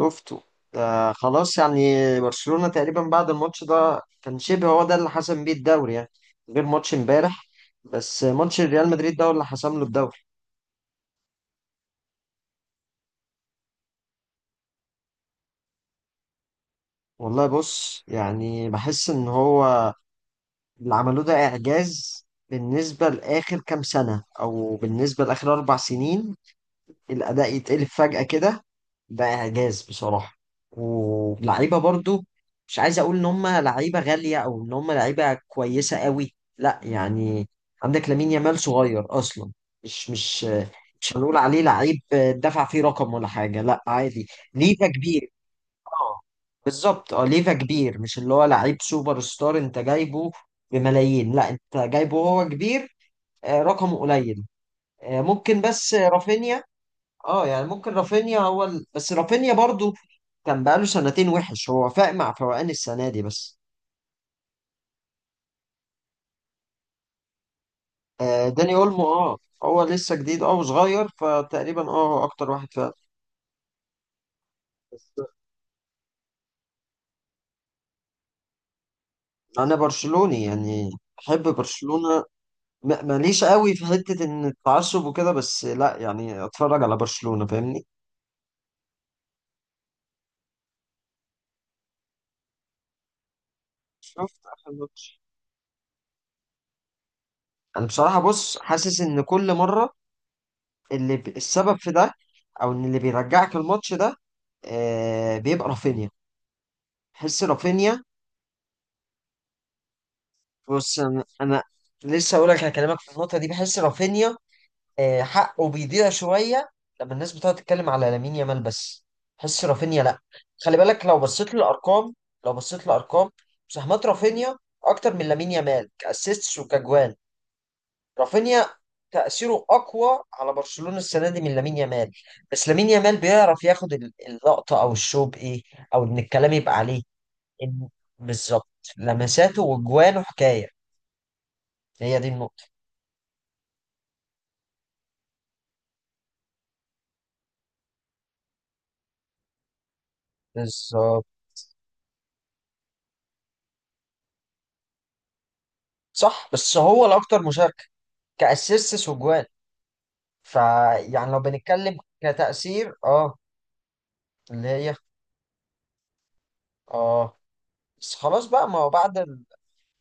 شفته. ده خلاص يعني، برشلونة تقريبا بعد الماتش ده كان شبه، هو ده اللي حسم بيه الدوري يعني، غير ماتش امبارح. بس ماتش ريال مدريد ده هو اللي حسم له الدوري. والله بص يعني بحس ان هو اللي عملوه ده اعجاز بالنسبة لآخر كام سنة او بالنسبة لآخر اربع سنين. الاداء يتقلب فجأة كده، ده إعجاز بصراحة. ولعيبة برضو مش عايز أقول إن هم لعيبة غالية أو إن هم لعيبة كويسة قوي، لا يعني. عندك لامين يامال صغير أصلا، مش مش مش هنقول عليه لعيب دفع فيه رقم ولا حاجة، لا عادي. ليفا كبير. اه بالظبط، اه ليفا كبير، مش اللي هو لعيب سوبر ستار انت جايبه بملايين، لا انت جايبه وهو كبير. رقمه قليل. ممكن بس رافينيا. اه يعني ممكن رافينيا هو بس رافينيا برضو كان بقاله سنتين وحش، هو فاق مع فوقان السنة دي بس. آه داني اولمو، اه هو لسه جديد اه وصغير، فتقريبا اه هو اكتر واحد فاق. بس انا برشلوني يعني، بحب برشلونة. ماليش قوي في حتة ان التعصب وكده، بس لا يعني اتفرج على برشلونة فاهمني. شفت اخر ماتش. انا بصراحة بص حاسس ان كل مرة السبب في ده، او ان اللي بيرجعك الماتش ده آه بيبقى رافينيا. بحس رافينيا. بص أنا لسه هقول لك، هكلمك في النقطه دي. بحس رافينيا حقه بيضيع شويه لما الناس بتقعد تتكلم على لامين يامال بس. بحس رافينيا لا. خلي بالك، لو بصيت للارقام، لو بصيت للارقام، مساهمات رافينيا اكتر من لامين يامال كاسيستس وكجوان. رافينيا تاثيره اقوى على برشلونه السنه دي من لامين يامال. بس لامين يامال بيعرف ياخد اللقطه او الشو بايه، او ان الكلام يبقى عليه. إن- بالظبط، لمساته وجوانه حكايه. هي دي النقطة. بالظبط. صح، بس هو الأكتر مشاركة كأسيستس وجوان. فيعني لو بنتكلم كتأثير، اه. اللي هي اه. بس خلاص بقى، ما هو بعد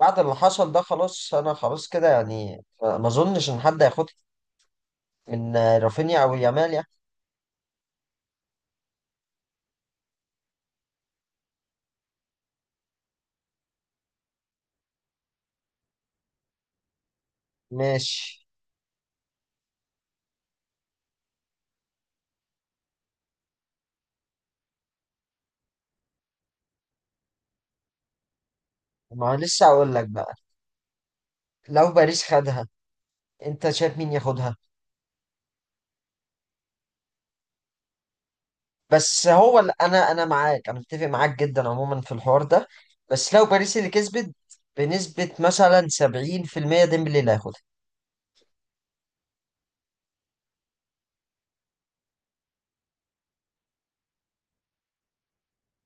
بعد اللي حصل ده خلاص، أنا خلاص كده يعني، ما أظنش إن حد هياخدها من رافينيا أو يامال يعني. ماشي. ما هو لسه هقول لك بقى، لو باريس خدها أنت شايف مين ياخدها؟ بس هو انا معاك، انا متفق معاك جدا عموما في الحوار ده. بس لو باريس اللي كسبت بنسبة مثلا 70% ديمبلي اللي هياخدها.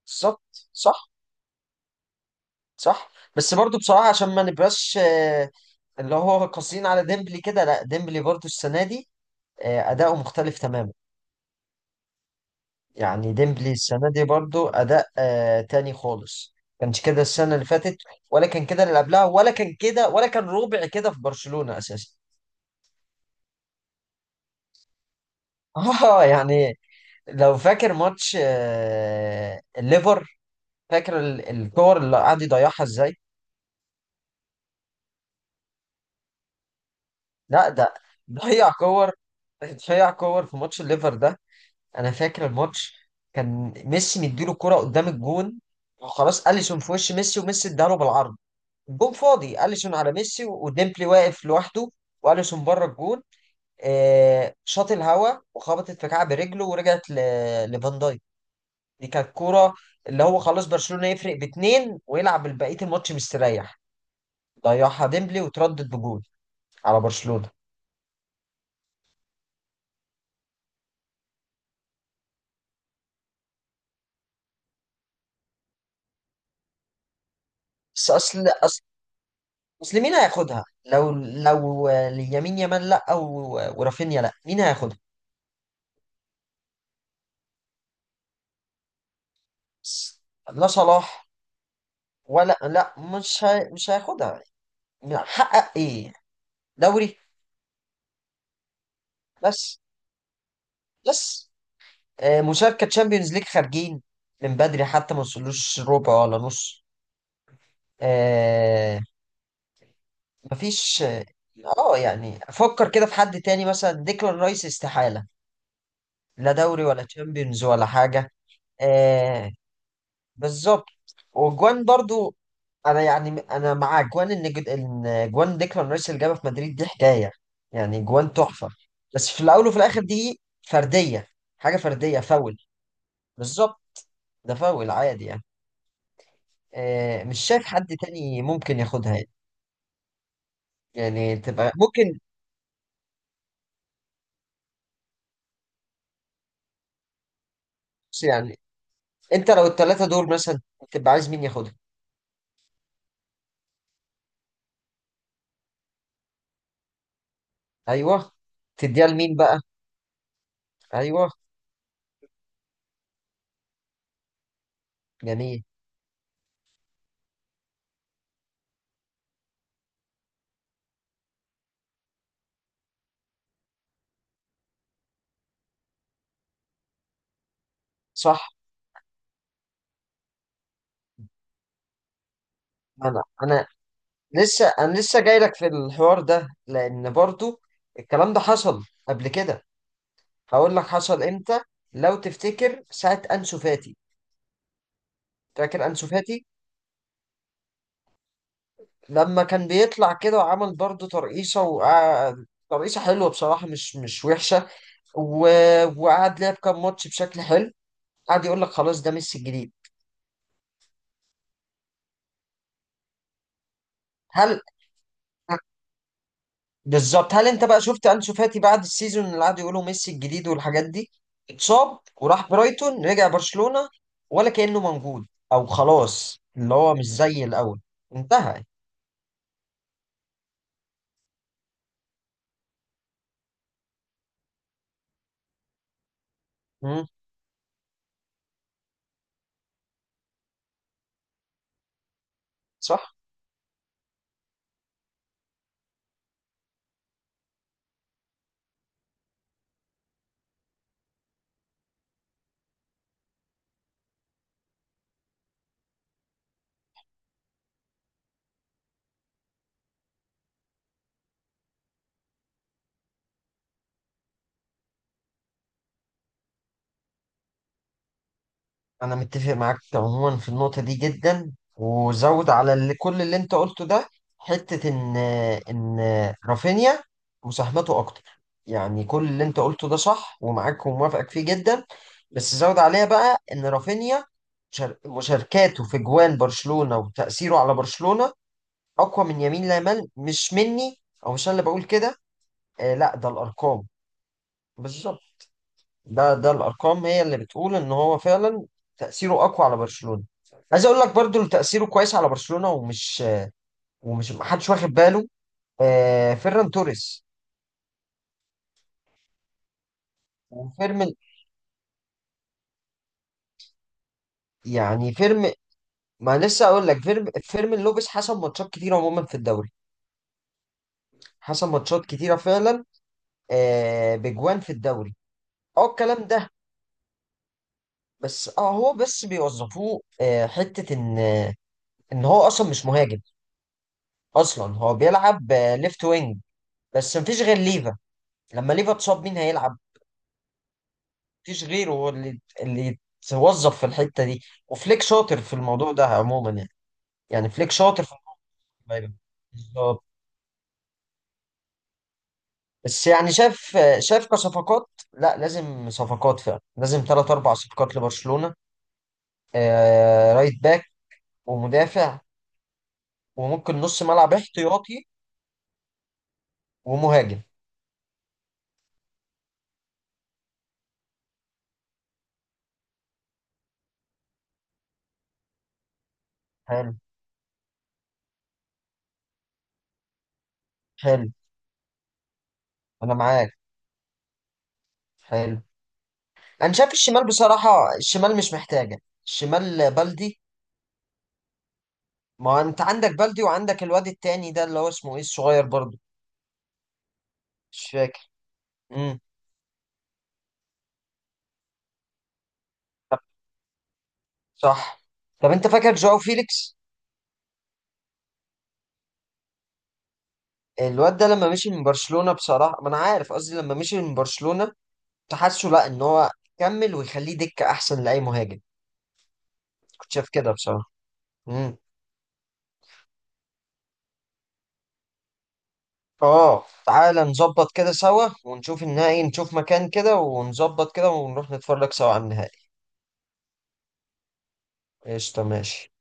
بالظبط. صح. صح، بس برضو بصراحة عشان ما نبقاش اللي هو قاسيين على ديمبلي كده، لا ديمبلي برضو السنة دي أداؤه مختلف تماما. يعني ديمبلي السنة دي برضو أداء تاني خالص. كانش كده السنة اللي فاتت، ولا كان كده اللي قبلها، ولا كان كده، ولا كان ربع كده في برشلونة أساسا. اه يعني، لو فاكر ماتش الليفر، فاكر الكور اللي قعد يضيعها ازاي. لا ده ضيع كور، ضيع كور في ماتش الليفر ده. انا فاكر الماتش كان ميسي مديله كرة قدام الجون، وخلاص اليسون في وش ميسي، وميسي اداله بالعرض، الجون فاضي، اليسون على ميسي وديمبلي واقف لوحده، واليسون بره الجون، شاط الهوا وخبطت في كعب رجله ورجعت لفان دايك. دي كانت كورة اللي هو خلاص برشلونة يفرق باتنين ويلعب بقية الماتش مستريح، ضيعها ديمبلي وتردد بجول على برشلونة. بس أصل مين هياخدها؟ لو اليمين يامال لأ، ورافينيا لأ، مين هياخدها؟ بس لا صلاح. ولا لأ مش هياخدها. حقق إيه؟ دوري. بس بس، مشاركة تشامبيونز ليج خارجين من بدري حتى، ما وصلوش ربع ولا نص. آه، مفيش. اه يعني افكر كده في حد تاني مثلا ديكلان رايس، استحالة. لا دوري ولا تشامبيونز ولا حاجة. آه بالظبط. وجوان برضو، انا يعني انا مع جوان، ان ان جوان ديكلان رايس اللي جابها في مدريد دي حكاية. يعني جوان تحفة. بس في الاول وفي الاخر دي فردية. حاجة فردية، فاول. بالظبط. ده فاول عادي يعني. آه، مش شايف حد تاني ممكن ياخدها يعني. يعني تبقى ممكن. بس يعني انت لو الثلاثة دول مثلا تبقى عايز مين ياخدها. ايوه. تديها لمين بقى؟ ايوه. جميل. صح. انا لسه، انا لسه جاي لك في الحوار ده لان برضو الكلام ده حصل قبل كده. هقول لك حصل امتى. لو تفتكر ساعه انسو فاتي، فاكر انسو فاتي لما كان بيطلع كده وعمل برضو ترقيصه، وقعد ترقيصه حلوه بصراحه، مش وحشه، و... وقعد لعب كام ماتش بشكل حلو، قعد يقول لك خلاص ده ميسي الجديد. هل بالظبط، هل انت بقى شفت انسو فاتي بعد السيزون اللي قعدوا يقولوا ميسي الجديد والحاجات دي؟ اتصاب وراح برايتون، رجع برشلونة ولا كأنه موجود. او خلاص اللي هو مش زي الاول. انتهى. مم، صح. انا متفق معاك عموما في النقطه دي جدا، وزود على اللي، كل اللي انت قلته ده، حته ان رافينيا مساهمته اكتر. يعني كل اللي انت قلته ده صح، ومعاك وموافقك فيه جدا. بس زود عليها بقى ان رافينيا مشاركاته في جوان برشلونه وتاثيره على برشلونه اقوى من يمين لامال. مش مني او مش انا اللي بقول كده. آه لا، ده الارقام. بالظبط. ده الارقام هي اللي بتقول ان هو فعلا تاثيره اقوى على برشلونه. عايز اقول لك برضو اللي تاثيره كويس على برشلونه ومش محدش واخد باله، آه فيران توريس وفيرمين. يعني ما لسه اقول لك، فيرمين لوبيس حسم ماتشات كتيره عموما في الدوري. حسم ماتشات كتيره فعلا، آه بجوان في الدوري. اه الكلام ده. بس اه هو بس بيوظفوه آه، حته ان ان هو اصلا مش مهاجم، اصلا هو بيلعب آه ليفت وينج. بس مفيش غير ليفا. لما ليفا اتصاب مين هيلعب؟ مفيش غيره هو اللي يتوظف في الحته دي. وفليك شاطر في الموضوع ده عموما يعني. يعني فليك شاطر في الموضوع ده. بالظبط. بس يعني شاف كصفقات، لا لازم صفقات، فعلا لازم 3 أو 4 صفقات لبرشلونه. آه رايت باك، ومدافع، وممكن نص ملعب احتياطي، ومهاجم. حلو. حلو. انا معاك. حلو. انا شايف الشمال بصراحه، الشمال مش محتاجه، الشمال بلدي. ما هو انت عندك بلدي، وعندك الواد التاني ده اللي هو اسمه ايه الصغير برضه. مش فاكر. امم. صح. طب انت فاكر جواو فيليكس؟ الواد ده لما مشي من برشلونة بصراحة، ما انا عارف قصدي لما مشي من برشلونة، كنت حاسه لا ان هو كمل ويخليه دكة احسن لاي مهاجم. كنت شايف كده بصراحة. امم. اه تعالى نظبط كده سوا، ونشوف النهائي، نشوف مكان كده ونظبط كده، ونروح نتفرج سوا على النهائي. قشطة ماشي.